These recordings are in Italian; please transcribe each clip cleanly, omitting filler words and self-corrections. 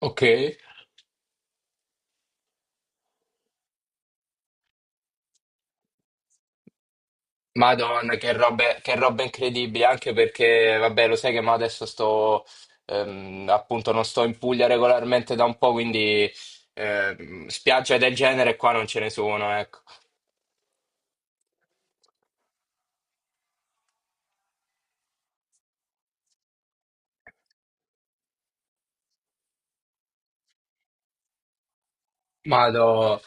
Ok. Madonna, che roba, che roba incredibile, anche perché, vabbè, lo sai che mo adesso sto, appunto, non sto in Puglia regolarmente da un po', quindi spiagge del genere qua non ce ne sono, ecco. Madò.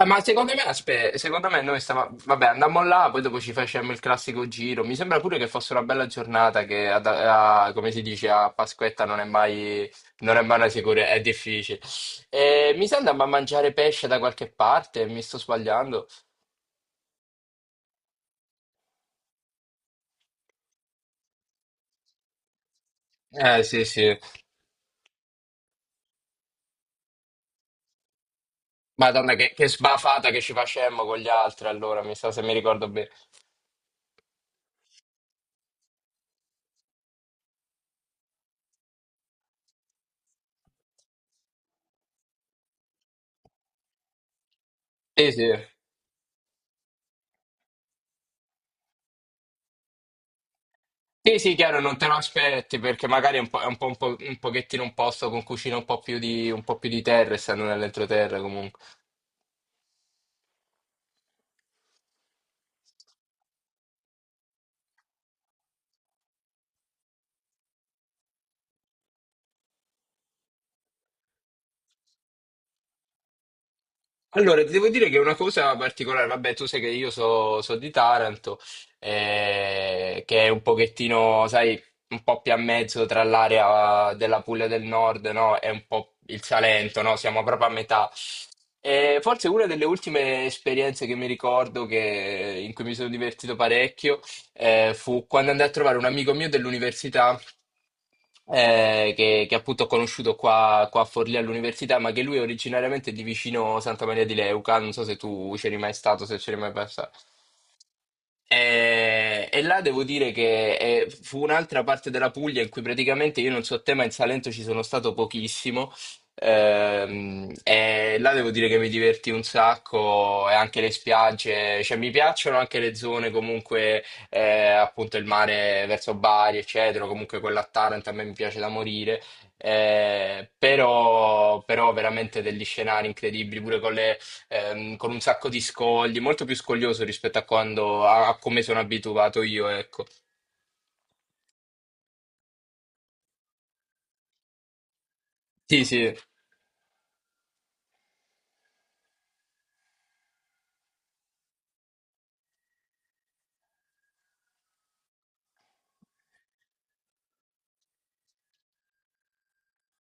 Ma secondo me, secondo me noi stavamo, vabbè, andammo là, poi dopo ci facemmo il classico giro. Mi sembra pure che fosse una bella giornata, che come si dice a Pasquetta non è mai una sicurezza, è difficile. E mi sa andammo a mangiare pesce da qualche parte, mi sto sbagliando. Eh sì, sì. Madonna, che sbafata che ci facemmo con gli altri allora, mi sa se mi ricordo bene. Sì, sì. Sì, sì, chiaro, non te lo aspetti perché magari è un po', un po', un pochettino un posto con cucina un po' più di terra, essendo nell'entroterra comunque. Allora, ti devo dire che è una cosa particolare, vabbè, tu sai che io so di Taranto, che è un pochettino, sai, un po' più a mezzo tra l'area della Puglia del Nord, no? E un po' il Salento, no? Siamo proprio a metà. E forse una delle ultime esperienze che mi ricordo in cui mi sono divertito parecchio, fu quando andai a trovare un amico mio dell'università che appunto ho conosciuto qua a Forlì all'università, ma che lui è originariamente di vicino Santa Maria di Leuca. Non so se tu c'eri mai stato, se c'eri mai passato. E là devo dire che fu un'altra parte della Puglia in cui praticamente io non so te, ma in Salento ci sono stato pochissimo. E là devo dire che mi divertì un sacco e anche le spiagge, cioè mi piacciono anche le zone comunque, appunto il mare verso Bari, eccetera, comunque quella a Taranto a me mi piace da morire. Però veramente degli scenari incredibili pure con le, con un sacco di scogli, molto più scoglioso rispetto a quando a come sono abituato io, ecco. Sì, sì.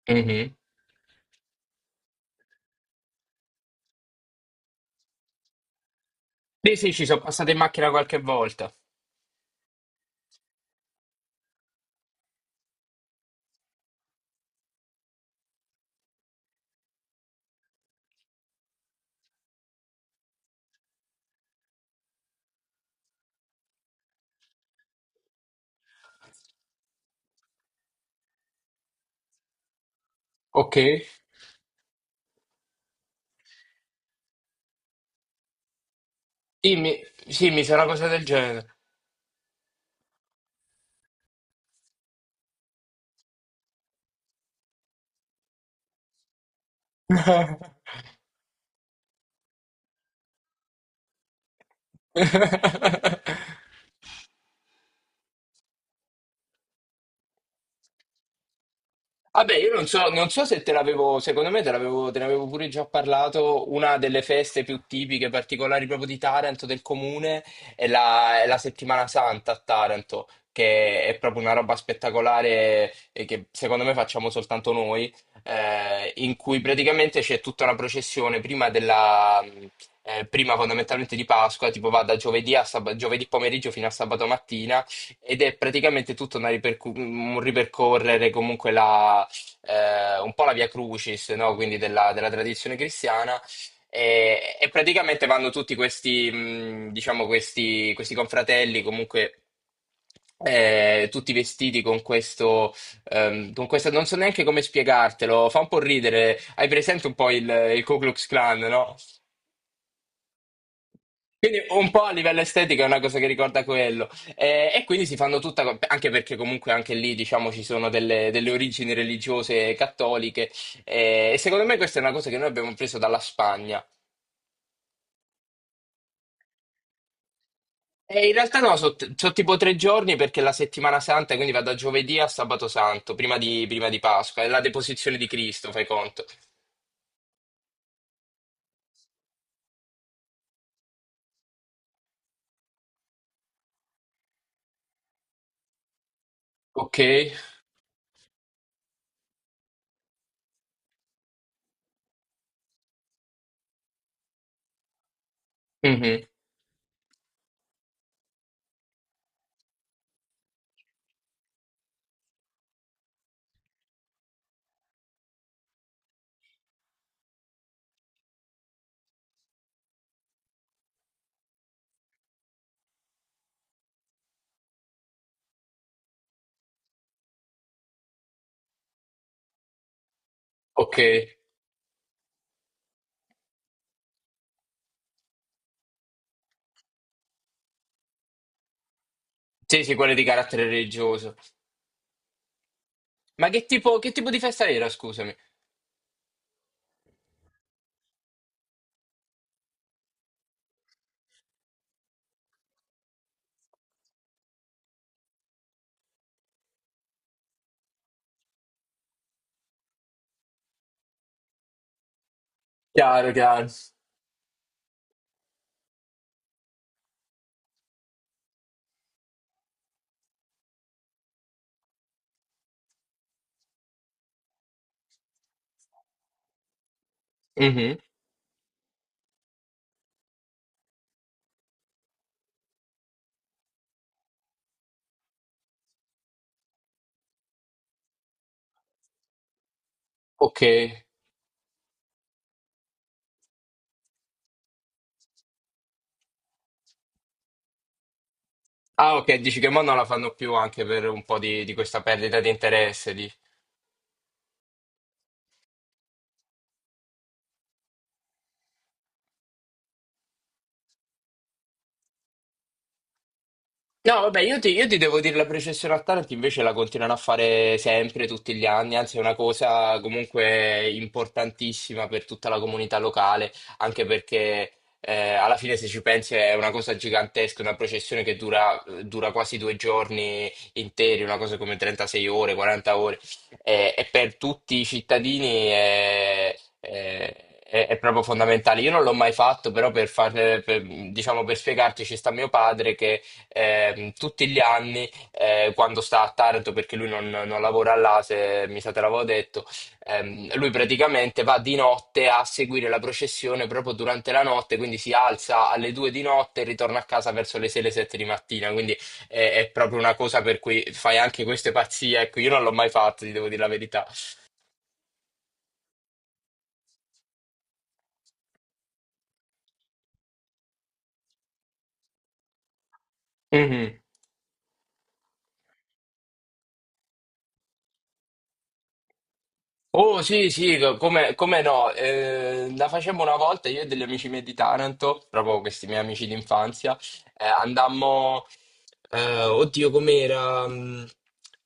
Mhm. Sì, sì, ci sono passato in macchina qualche volta. Ok. Sì, mi, sì, mi sa una cosa del genere. Vabbè, io non so, non so se te l'avevo, secondo me te l'avevo, te ne avevo pure già parlato, una delle feste più tipiche, particolari proprio di Taranto, del comune, è la Settimana Santa a Taranto, che è proprio una roba spettacolare e che secondo me facciamo soltanto noi, in cui praticamente c'è tutta una processione prima fondamentalmente di Pasqua, tipo va da giovedì, giovedì pomeriggio fino a sabato mattina ed è praticamente tutta un ripercorrere comunque un po' la Via Crucis, no? Quindi della tradizione cristiana. E praticamente vanno tutti questi, diciamo, questi confratelli, comunque tutti vestiti con questa, non so neanche come spiegartelo, fa un po' ridere. Hai presente un po' il Ku Klux Klan, no? Quindi un po' a livello estetico è una cosa che ricorda quello. E quindi si fanno tutta, anche perché comunque anche lì diciamo ci sono delle origini religiose cattoliche. E secondo me questa è una cosa che noi abbiamo preso dalla Spagna. E in realtà no, sono tipo 3 giorni perché la settimana santa, quindi va da giovedì a sabato santo, prima di Pasqua, è la deposizione di Cristo, fai conto. Ok? Mhm. Ok. Sì, sì, quelle di carattere religioso. Ma che tipo di festa era, scusami? Chiaro, chiaro. Mhm. Ok. Ah, ok, dici che mo non la fanno più anche per un po' di questa perdita di interesse. No, vabbè, io ti devo dire la processione a Taranto invece la continuano a fare sempre, tutti gli anni, anzi è una cosa comunque importantissima per tutta la comunità locale, anche perché alla fine se ci pensi è una cosa gigantesca, una processione che dura quasi 2 giorni interi, una cosa come 36 ore, 40 ore, e per tutti i cittadini è proprio fondamentale. Io non l'ho mai fatto, però diciamo, per spiegarti ci sta mio padre che tutti gli anni quando sta a Taranto, perché lui non lavora là, se mi sa te l'avevo detto, lui praticamente va di notte a seguire la processione proprio durante la notte, quindi si alza alle 2 di notte e ritorna a casa verso le 6, le 7 di mattina, quindi è proprio una cosa per cui fai anche queste pazzie, ecco, io non l'ho mai fatto, ti devo dire la verità. Mhm. Oh sì, sì, come no, la facemmo una volta io e degli amici miei di Taranto, proprio questi miei amici d'infanzia, andammo, oddio com'era, mm,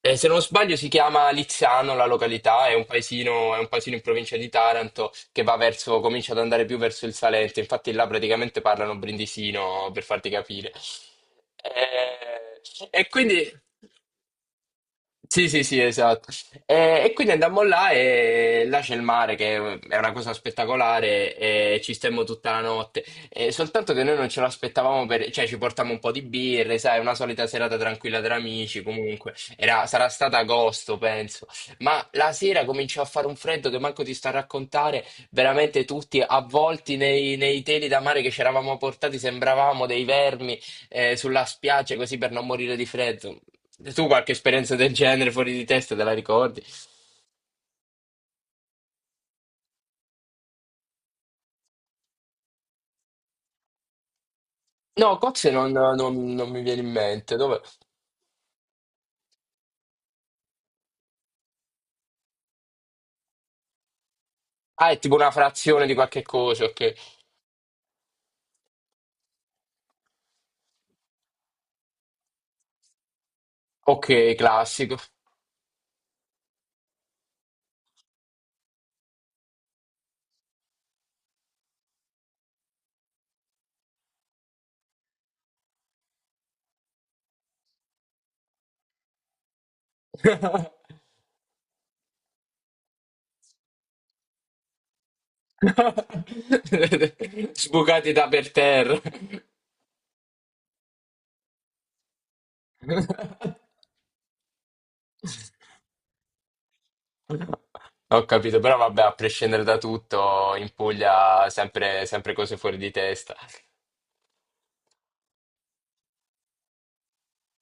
eh, se non sbaglio si chiama Lizzano la località, è un paesino in provincia di Taranto che va verso, comincia ad andare più verso il Salento, infatti là praticamente parlano brindisino per farti capire. Eh, e quindi... Sì, sì, sì, esatto. E quindi andammo là e là c'è il mare che è una cosa spettacolare e ci stemmo tutta la notte. E soltanto che noi non ce l'aspettavamo cioè ci portammo un po' di birre, sai, una solita serata tranquilla tra amici, comunque. Sarà stato agosto, penso. Ma la sera cominciò a fare un freddo che manco ti sta a raccontare, veramente tutti avvolti nei teli da mare che ci eravamo portati, sembravamo dei vermi sulla spiaggia così per non morire di freddo. Se tu qualche esperienza del genere fuori di testa te la ricordi? No, cozze non mi viene in mente. Dove... Ah, è tipo una frazione di qualche cosa, ok. Ok, classico. Sbucati da per terra. Ho capito, però vabbè, a prescindere da tutto, in Puglia sempre sempre cose fuori di testa.